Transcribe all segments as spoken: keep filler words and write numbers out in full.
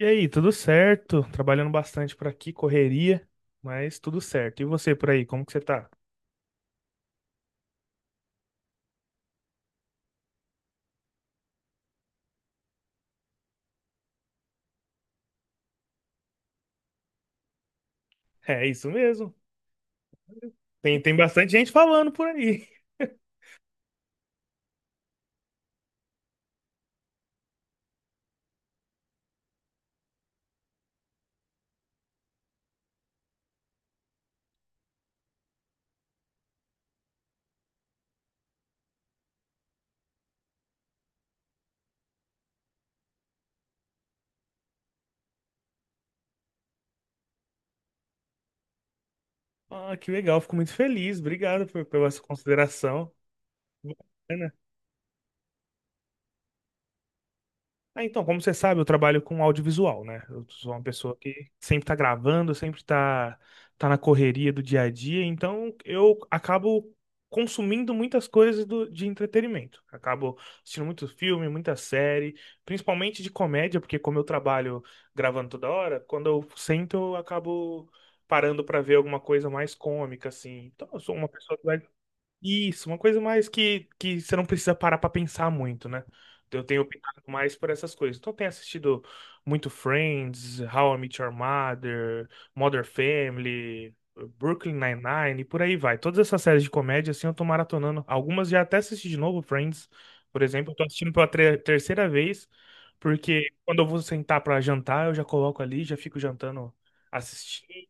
E aí, tudo certo? Trabalhando bastante por aqui, correria, mas tudo certo. E você por aí, como que você tá? É isso mesmo. Tem, tem bastante gente falando por aí. Ah, que legal, fico muito feliz. Obrigado por, pela sua consideração. Ah, então, como você sabe, eu trabalho com audiovisual, né? Eu sou uma pessoa que sempre tá gravando, sempre tá, tá na correria do dia a dia, então eu acabo consumindo muitas coisas do- de entretenimento. Acabo assistindo muito filme, muita série, principalmente de comédia, porque como eu trabalho gravando toda hora, quando eu sento, eu acabo parando pra ver alguma coisa mais cômica, assim. Então, eu sou uma pessoa que vai isso, uma coisa mais que, que você não precisa parar pra pensar muito, né? Eu tenho optado mais por essas coisas. Então, eu tenho assistido muito Friends, How I Met Your Mother, Modern Family, Brooklyn Nine-Nine, e por aí vai. Todas essas séries de comédia, assim, eu tô maratonando. Algumas já até assisti de novo, Friends, por exemplo. Eu tô assistindo pela tre- terceira vez, porque quando eu vou sentar pra jantar, eu já coloco ali, já fico jantando, assistindo.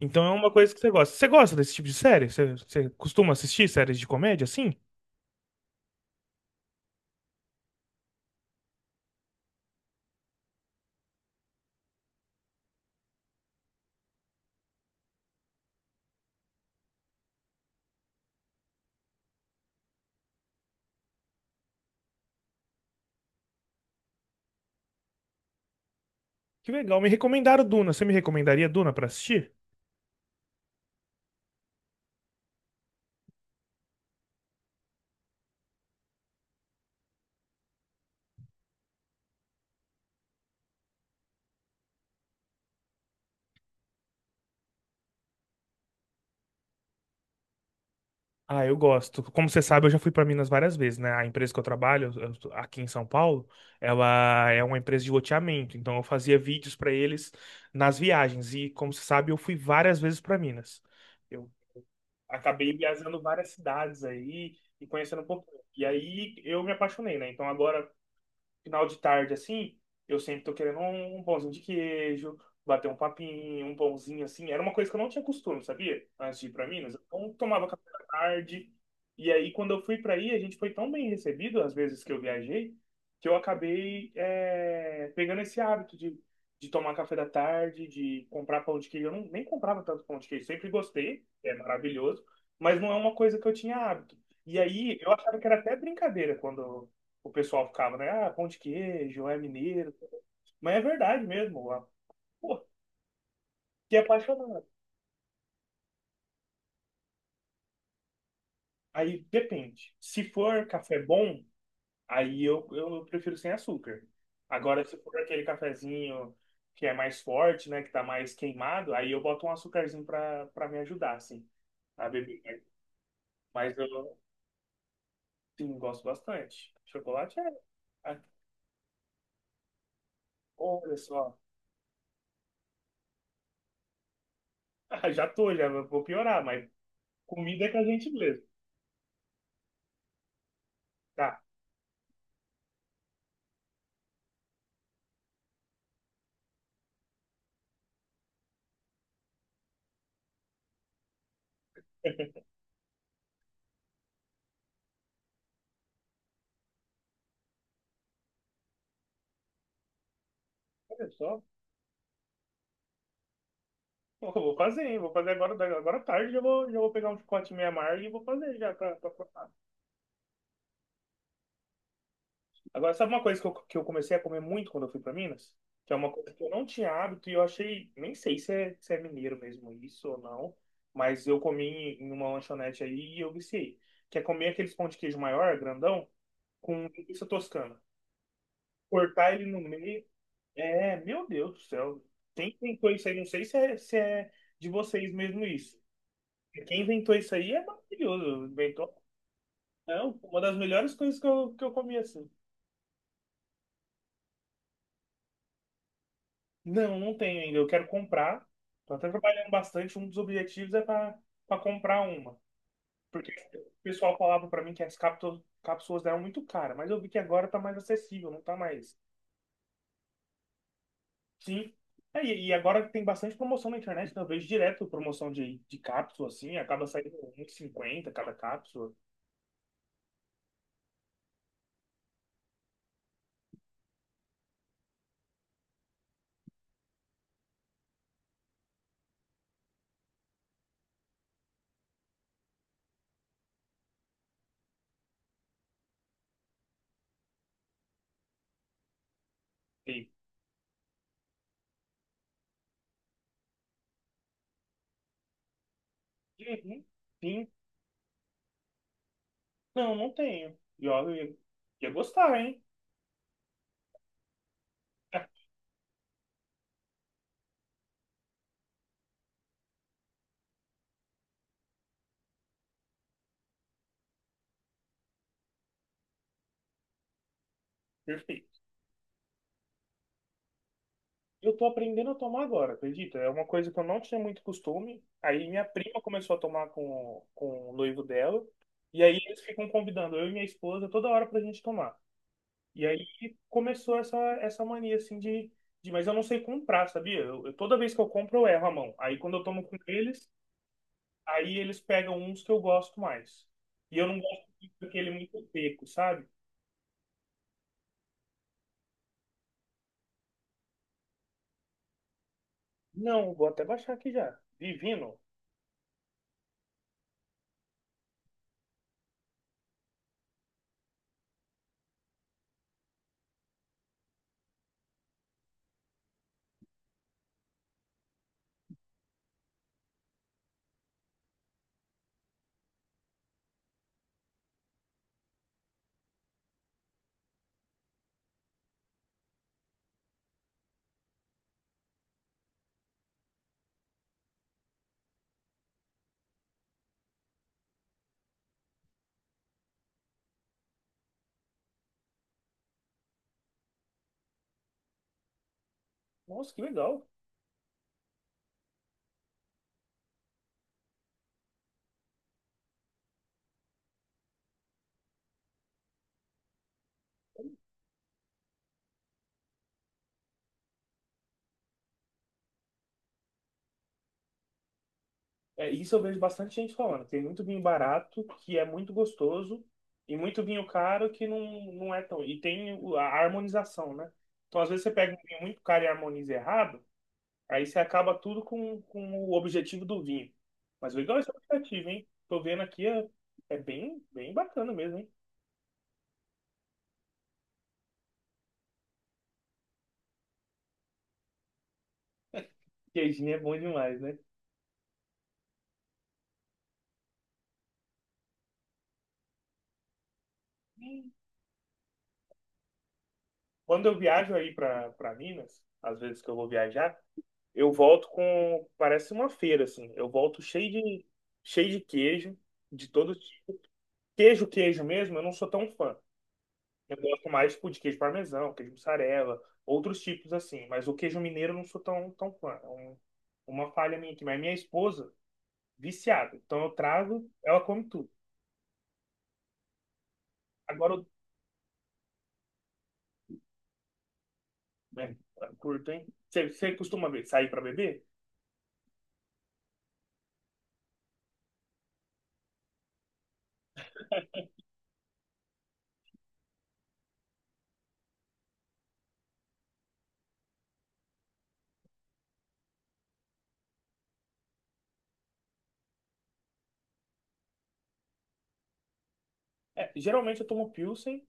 Então é uma coisa que você gosta. Você gosta desse tipo de série? Você, você costuma assistir séries de comédia assim? Que legal. Me recomendaram Duna. Você me recomendaria Duna pra assistir? Ah, eu gosto. Como você sabe, eu já fui para Minas várias vezes, né? A empresa que eu trabalho, eu tô aqui em São Paulo, ela é uma empresa de loteamento, então eu fazia vídeos para eles nas viagens e, como você sabe, eu fui várias vezes para Minas. Eu acabei viajando várias cidades aí e conhecendo um pouco. E aí eu me apaixonei, né? Então agora final de tarde assim, eu sempre tô querendo um, um pãozinho de queijo, bater um papinho, um pãozinho assim. Era uma coisa que eu não tinha costume, sabia? Antes de ir pra Minas. Então, eu tomava café da tarde. E aí, quando eu fui pra aí, a gente foi tão bem recebido, às vezes que eu viajei, que eu acabei é, pegando esse hábito de, de tomar café da tarde, de comprar pão de queijo. Eu não, nem comprava tanto pão de queijo, sempre gostei, é maravilhoso, mas não é uma coisa que eu tinha hábito. E aí, eu achava que era até brincadeira quando o pessoal ficava, né? Ah, pão de queijo, é mineiro. Mas é verdade mesmo, ó. Pô, fiquei apaixonado. Aí depende. Se for café bom, aí eu, eu prefiro sem açúcar. Agora, se for aquele cafezinho que é mais forte, né? Que tá mais queimado, aí eu boto um açucarzinho pra, pra me ajudar, assim, a beber. Mas eu, sim, gosto bastante. Chocolate é. é- Olha só. Já tô, já vou piorar, mas comida é com a gente mesmo. Tá. Olha só, eu vou fazer, hein? Vou fazer agora, agora à tarde. Já vou, já vou pegar um chicote meia amargo e vou fazer já pra, pra cortar. Agora, sabe uma coisa que eu, que eu comecei a comer muito quando eu fui pra Minas? Que é uma coisa que eu não tinha hábito e eu achei. Nem sei se é, se é mineiro mesmo isso ou não. Mas eu comi em em uma lanchonete aí e eu viciei. Que é comer aqueles pão de queijo maior, grandão, com linguiça toscana. Cortar ele no meio. É, meu Deus do céu. Quem inventou isso aí? Não sei se é, se é de vocês mesmo isso. Quem inventou isso aí é maravilhoso. Inventou não, uma das melhores coisas que eu, que eu comi assim. Não, não tenho ainda. Eu quero comprar. Tô até trabalhando bastante. Um dos objetivos é para comprar uma. Porque o pessoal falava para mim que as cápsulas, cápsulas eram muito caras, mas eu vi que agora tá mais acessível, não tá mais. Sim. É, E e agora tem bastante promoção na internet, né? Eu vejo direto promoção de, de cápsula, assim, acaba saindo um e cinquenta cada cápsula. E, uhum, sim. Não, não tenho. E olha, eu ia gostar, hein? Perfeito. Eu tô aprendendo a tomar agora, acredita? É uma coisa que eu não tinha muito costume. Aí minha prima começou a tomar com, com o noivo dela. E aí eles ficam convidando eu e minha esposa toda hora pra gente tomar. E aí começou essa, essa mania, assim, de, de... Mas eu não sei comprar, sabia? Eu, eu- toda vez que eu compro, eu erro a mão. Aí quando eu tomo com eles, aí eles pegam uns que eu gosto mais. E eu não gosto muito daquele muito seco, sabe? Não, vou até baixar aqui já. Divino. Nossa, que legal. É, isso eu vejo bastante gente falando. Tem muito vinho barato, que é muito gostoso, e muito vinho caro que não, não é tão. E tem o- a harmonização, né? Então, às vezes, você pega um vinho muito caro e harmoniza errado, aí você acaba tudo com, com o objetivo do vinho. Mas legal é esse aplicativo, hein? Tô vendo aqui, é, é bem, bem bacana mesmo, hein? Queijinho é bom demais, né? Quando eu viajo aí pra, pra Minas, às vezes que eu vou viajar, eu volto com, parece uma feira, assim. Eu volto cheio de, cheio de queijo, de todo tipo. Queijo, queijo mesmo, eu não sou tão fã. Eu gosto mais, tipo, de queijo parmesão, queijo mussarela, outros tipos assim. Mas o queijo mineiro eu não sou tão, tão fã. É um- uma falha minha aqui. Mas minha esposa, viciada. Então eu trago, ela come tudo. Agora, eu- é, curto, hein? Você você costuma be- sair pra beber? É, geralmente eu tomo Pilsen.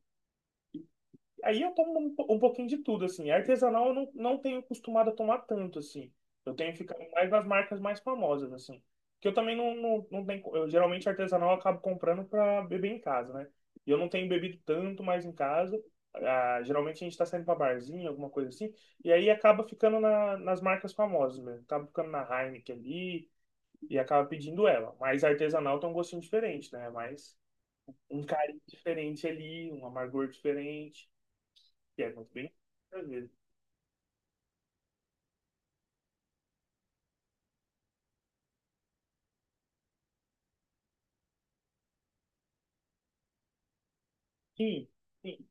Aí eu tomo um, po- um pouquinho de tudo, assim. Artesanal eu não, não tenho costumado a tomar tanto, assim. Eu tenho ficado mais nas marcas mais famosas, assim. Que eu também não, não, não tenho. Eu, geralmente artesanal eu acabo comprando pra beber em casa, né? E eu não tenho bebido tanto mais em casa. Ah, geralmente a gente tá saindo pra barzinho, alguma coisa assim. E aí acaba ficando na, nas marcas famosas mesmo. Acaba ficando na Heineken ali e acaba pedindo ela. Mas artesanal tem um gostinho diferente, né? É mais um carinho diferente ali, um amargor diferente que é muito bem, às vezes. Sim, sim.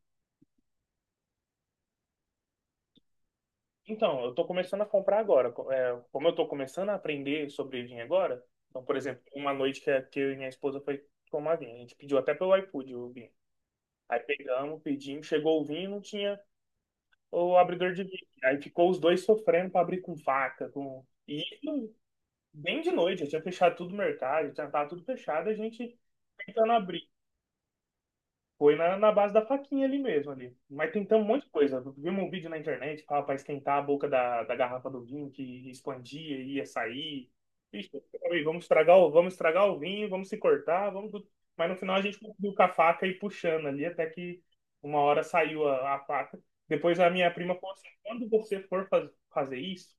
Então, eu estou começando a comprar agora. Co- é, como eu estou começando a aprender sobre vinho agora, então, por exemplo, uma noite que, a- que eu e minha esposa foi tomar vinho, a gente pediu até pelo iFood o vinho. Aí pegamos, pedimos, chegou o vinho, e não tinha o abridor de vinho. Aí ficou os dois sofrendo para abrir com faca, com... E isso bem de noite, já tinha fechado tudo o mercado, já estava tudo fechado, a gente tentando abrir. Foi na, na base da faquinha ali mesmo, ali. Mas tentamos um monte de coisa. Vimos um vídeo na internet para pra esquentar a boca da, da garrafa do vinho, que expandia e ia sair. Ixi, aí, vamos estragar o, vamos estragar o vinho, vamos se cortar, vamos... tudo. Mas no final a gente conseguiu com a faca e puxando ali, até que uma hora saiu a, a faca. Depois a minha prima falou assim, quando você for faz- fazer isso,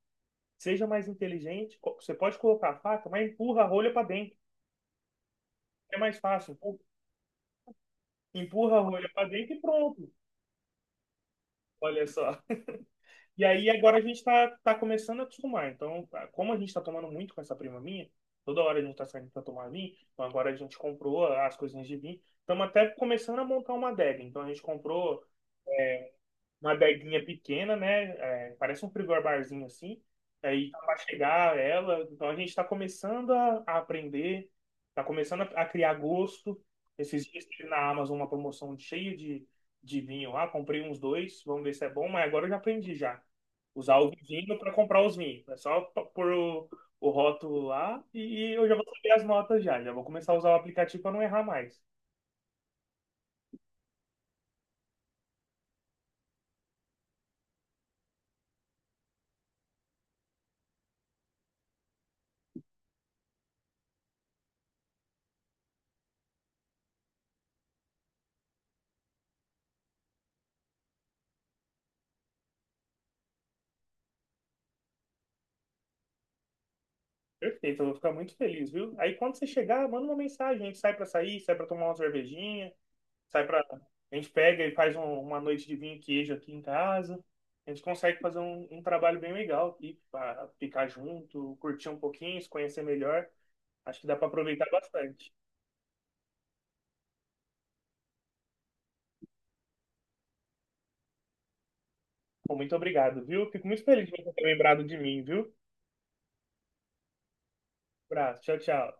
seja mais inteligente, co- você pode colocar a faca, mas empurra a rolha para dentro. É mais fácil. Empurra a rolha para dentro e pronto. Olha só. E aí agora a gente está tá começando a acostumar. Então, como a gente está tomando muito com essa prima minha, toda hora a gente está saindo para tomar vinho, então agora a gente comprou as coisinhas de vinho. Estamos até começando a montar uma adega. Então a gente comprou uma adeguinha pequena, né? É, parece um frigor barzinho assim. Aí tá para chegar ela, então a gente está começando a, a aprender, está começando a, a criar gosto. Esses dias tive na Amazon uma promoção cheia de, de vinho lá, comprei uns dois, vamos ver se é bom, mas agora eu já aprendi já. Usar o vinho para comprar os vinhos. É só p- pôr o, o rótulo lá e eu já vou saber as notas já. Já vou começar a usar o aplicativo para não errar mais. Perfeito, eu vou ficar muito feliz, viu? Aí quando você chegar, manda uma mensagem, a gente sai pra sair, sai pra tomar uma cervejinha, sai pra. A gente pega e faz um- uma noite de vinho e queijo aqui em casa. A gente consegue fazer um, um trabalho bem legal aqui para ficar junto, curtir um pouquinho, se conhecer melhor. Acho que dá pra aproveitar bastante. Bom, muito obrigado, viu? Fico muito feliz de você ter lembrado de mim, viu? Abraço, tchau, tchau.